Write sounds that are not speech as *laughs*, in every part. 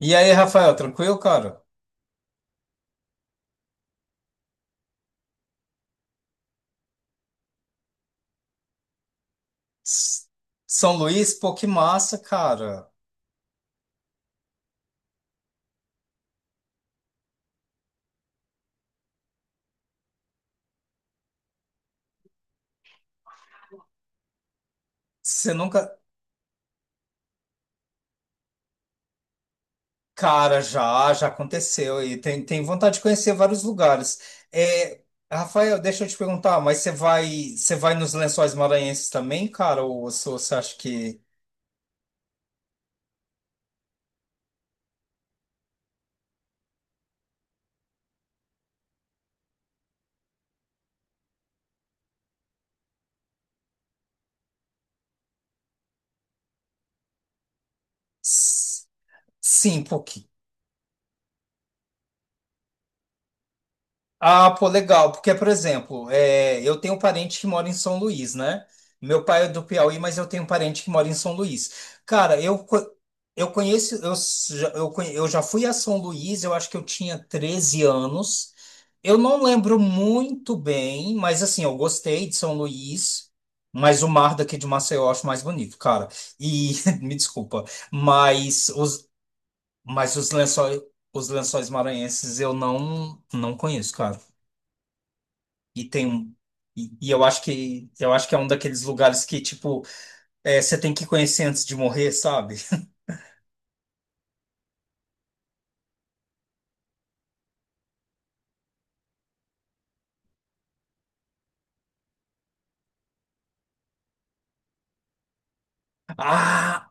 E aí, Rafael, tranquilo, cara? S- São Luís, pô, que massa, cara. Você nunca. Cara, já aconteceu e tem vontade de conhecer vários lugares. É, Rafael, deixa eu te perguntar, mas você vai nos Lençóis Maranhenses também, cara? Ou você acha que. S- Sim, pô, Ah, pô, legal, porque, por exemplo, é, eu tenho um parente que mora em São Luís, né? Meu pai é do Piauí, mas eu tenho um parente que mora em São Luís. Cara, eu conheço, eu já fui a São Luís, eu acho que eu tinha 13 anos. Eu não lembro muito bem, mas assim, eu gostei de São Luís, mas o mar daqui de Maceió eu acho mais bonito, cara. E, *laughs* me desculpa, mas os, mas os, lençóis, os lençóis maranhenses eu não, não conheço, cara. E tem um. E eu acho que é um daqueles lugares que, tipo, é, você tem que conhecer antes de morrer, sabe? *laughs* Ah!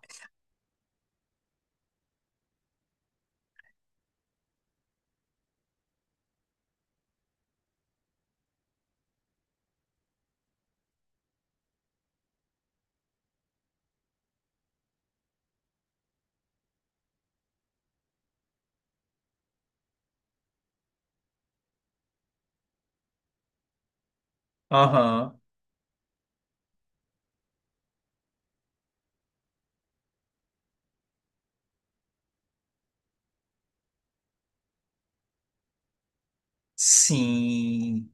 Aham. Sim.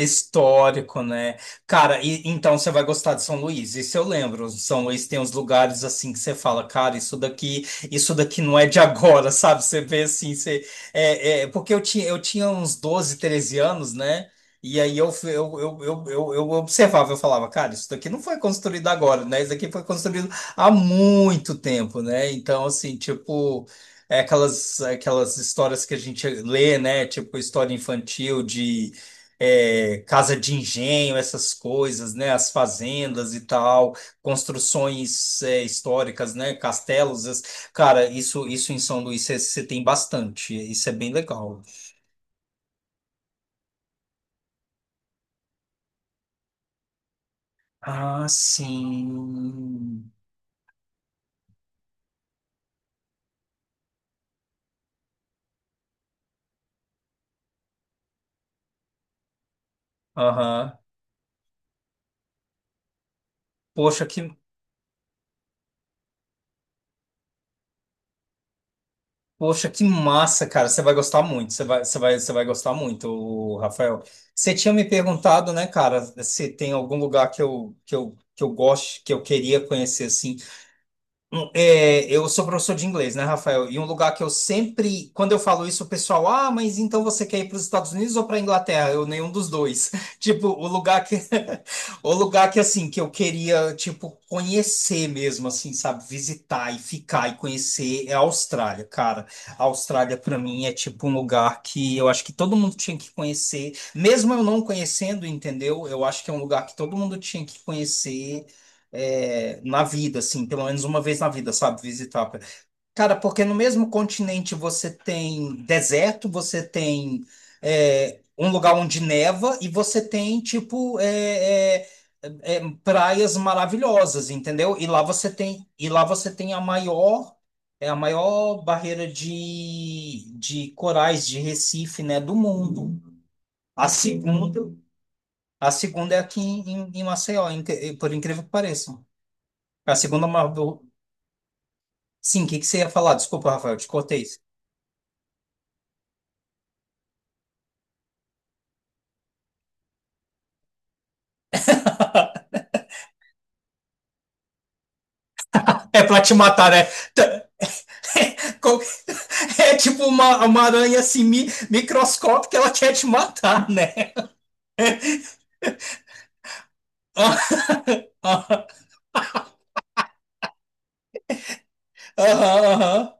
Histórico, né? Cara, e, então você vai gostar de São Luís. Isso eu lembro. São Luís tem uns lugares assim que você fala, cara, isso daqui não é de agora, *laughs* sabe? Você vê assim, você é, é, porque eu tinha uns 12, 13 anos, né? E aí eu, fui- eu observava, eu falava, cara, isso daqui não foi construído agora, né? Isso daqui foi construído há muito tempo, né? Então, assim, tipo, é aquelas histórias que a gente lê, né? Tipo, história infantil de é, casa de engenho, essas coisas, né? As fazendas e tal, construções históricas, né? Castelos, cara, isso em São Luís você tem bastante, isso é bem legal. Ah, sim. Aham. Poxa, que poxa, que massa, cara. Você vai gostar muito. Você vai gostar muito, ô, Rafael. Você tinha me perguntado, né, cara, se tem algum lugar que eu goste, que eu queria conhecer assim Eu sou professor de inglês, né, Rafael? E um lugar que eu sempre, quando eu falo isso, o pessoal, ah, mas então você quer ir para os Estados Unidos ou para a Inglaterra? Eu, nenhum dos dois. *laughs* Tipo, o lugar que, *laughs* o lugar que, assim, que eu queria, tipo, conhecer mesmo, assim, sabe? Visitar e ficar e conhecer é a Austrália, cara. A Austrália, para mim, é tipo um lugar que eu acho que todo mundo tinha que conhecer, mesmo eu não conhecendo, entendeu? Eu acho que é um lugar que todo mundo tinha que conhecer é, na vida, assim, pelo menos uma vez na vida, sabe? Visitar. Cara, porque no mesmo continente você tem deserto, você tem é, um lugar onde neva e você tem, tipo, praias maravilhosas, entendeu? E lá você tem a maior. É a maior barreira de corais de Recife, né, do mundo. A segunda, a segunda é aqui em Maceió, por incrível que pareça. A segunda maior Sim, o que que você ia falar? Desculpa, Rafael, te cortei. É pra te matar, né? Tá, co- *laughs* É tipo uma aranha assim, microscópica, ela quer te matar, né? *laughs* Aham, aham, aham.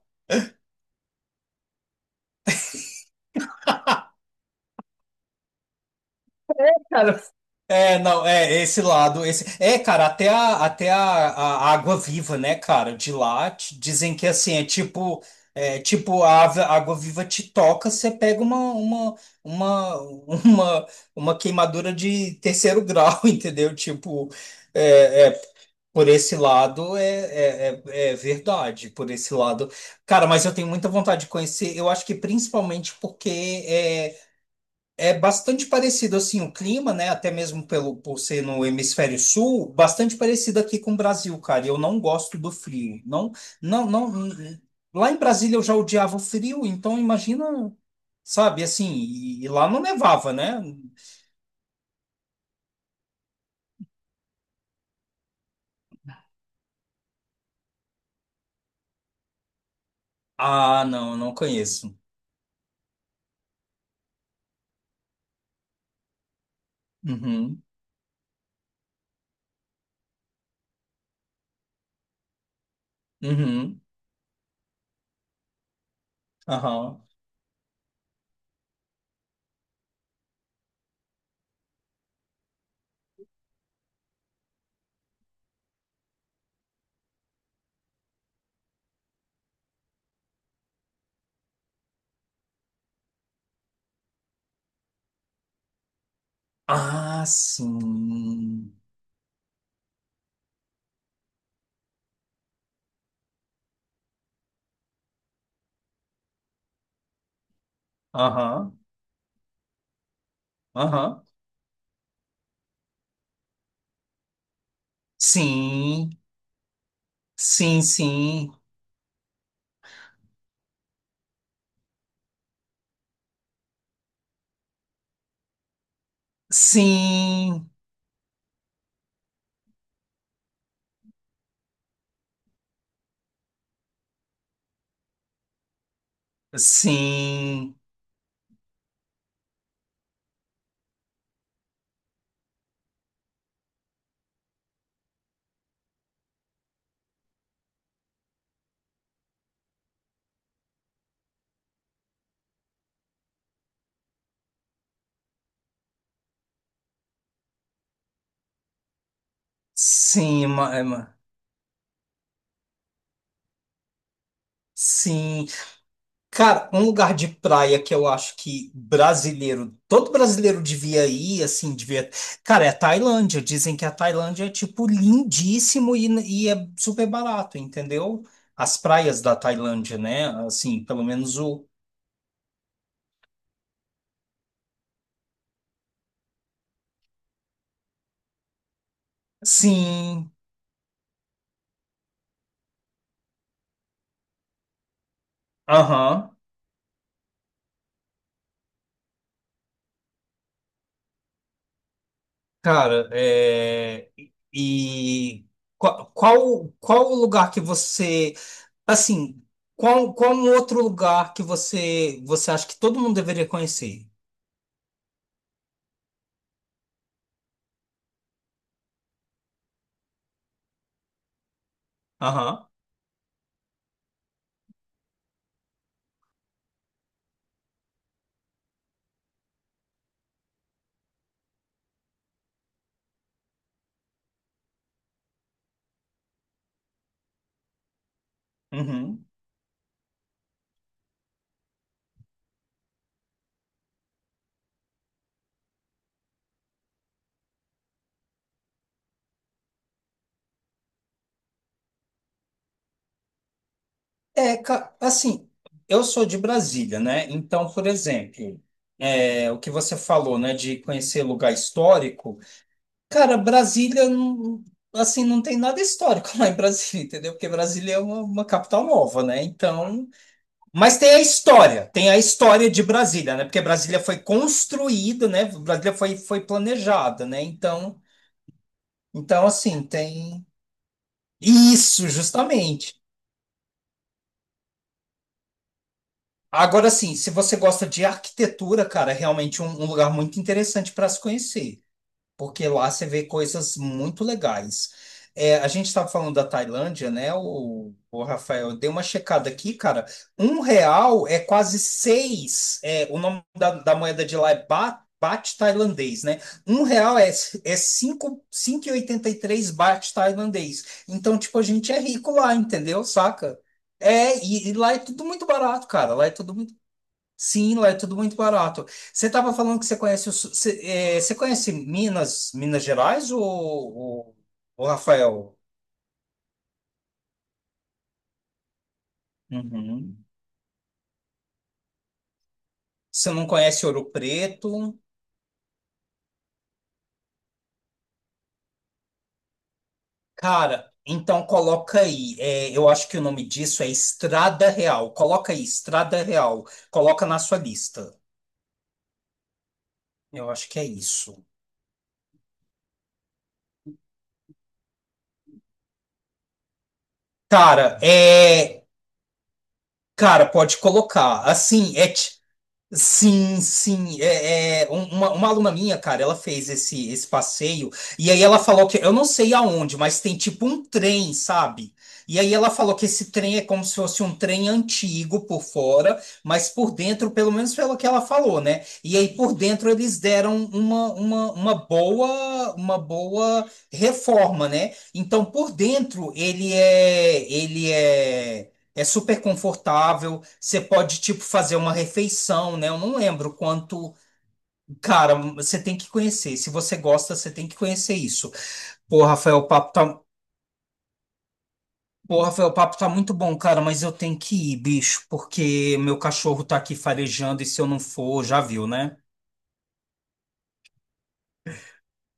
Cara, É, não, é, esse lado, esse... É, cara, até a, até a água viva, né, cara, de lá, dizem que, assim, é, tipo, a água viva te toca, você pega uma, uma, uma queimadura de terceiro grau, *laughs* entendeu? Tipo, é, é, Por esse lado é verdade, por esse lado. Cara, mas eu tenho muita vontade de conhecer, eu acho que principalmente porque é bastante parecido assim o clima, né? Até mesmo por ser no hemisfério sul, bastante parecido aqui com o Brasil, cara. E eu não gosto do frio. Não, não, não. Lá em Brasília eu já odiava o frio, então imagina, sabe, assim, e lá não nevava, né? Ah, não, não conheço. Uhum, uhum, aham. Ah, sim. Aham, aham. Sim, sim, sim. Sim, sim, sim, sim. Cara, um lugar de praia que eu acho que brasileiro, todo brasileiro devia ir, assim, devia. Cara, é a Tailândia. Dizem que a Tailândia é, tipo, lindíssimo e é super barato, entendeu? As praias da Tailândia, né? Assim, pelo menos o. Sim, aham. Cara, é, e qual o lugar que você, assim, qual um outro lugar que você acha que todo mundo deveria conhecer? Aham. Uhum. É, assim, eu sou de Brasília, né? Então, por exemplo, é, o que você falou, né, de conhecer lugar histórico, cara, Brasília, assim, não tem nada histórico *laughs* lá em Brasília, entendeu? Porque Brasília é uma capital nova, né? Mas tem a história, de Brasília, né? Porque Brasília foi construída, né? Brasília foi planejada, né? Então, assim, tem isso, justamente. Agora, assim, se você gosta de arquitetura, cara, é realmente um lugar muito interessante para se conhecer. Porque lá você vê coisas muito legais. É, a gente estava falando da Tailândia, né? O Rafael, eu dei uma checada aqui, cara. Um real é quase seis. É, o nome da moeda de lá é baht, tailandês, né? Um real é 5,83 baht tailandês. Então, tipo, a gente é rico lá, entendeu? Saca? É, e lá é tudo muito barato, cara. Lá é tudo muito Sim, lá é tudo muito barato. Você estava falando que você conhece você, você conhece Minas, Minas Gerais ou, ou Rafael? Uhum. Você não conhece Ouro Preto? Cara, então coloca aí. Eu acho que o nome disso é Estrada Real. Coloca aí, Estrada Real. Coloca na sua lista. Eu acho que é isso. Cara, é. Cara, pode colocar. Assim, é. Sim, sim. Uma aluna minha, cara, ela fez esse passeio e aí ela falou que eu não sei aonde, mas tem tipo um trem, sabe? E aí ela falou que esse trem é como se fosse um trem antigo por fora, mas por dentro, pelo menos pelo que ela falou, né? E aí por dentro eles deram uma boa reforma, né? Então por dentro ele é super confortável, você pode, tipo, fazer uma refeição, né? Eu não lembro quanto. Cara, você tem que conhecer. Se você gosta, você tem que conhecer isso. Pô, Rafael, o papo tá. Pô, Rafael, o papo tá muito bom, cara, mas eu tenho que ir, bicho, porque meu cachorro tá aqui farejando e se eu não for, já viu, né?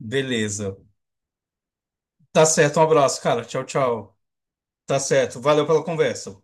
Beleza. Tá certo, um abraço, cara. Tchau, tchau. Tá certo. Valeu pela conversa.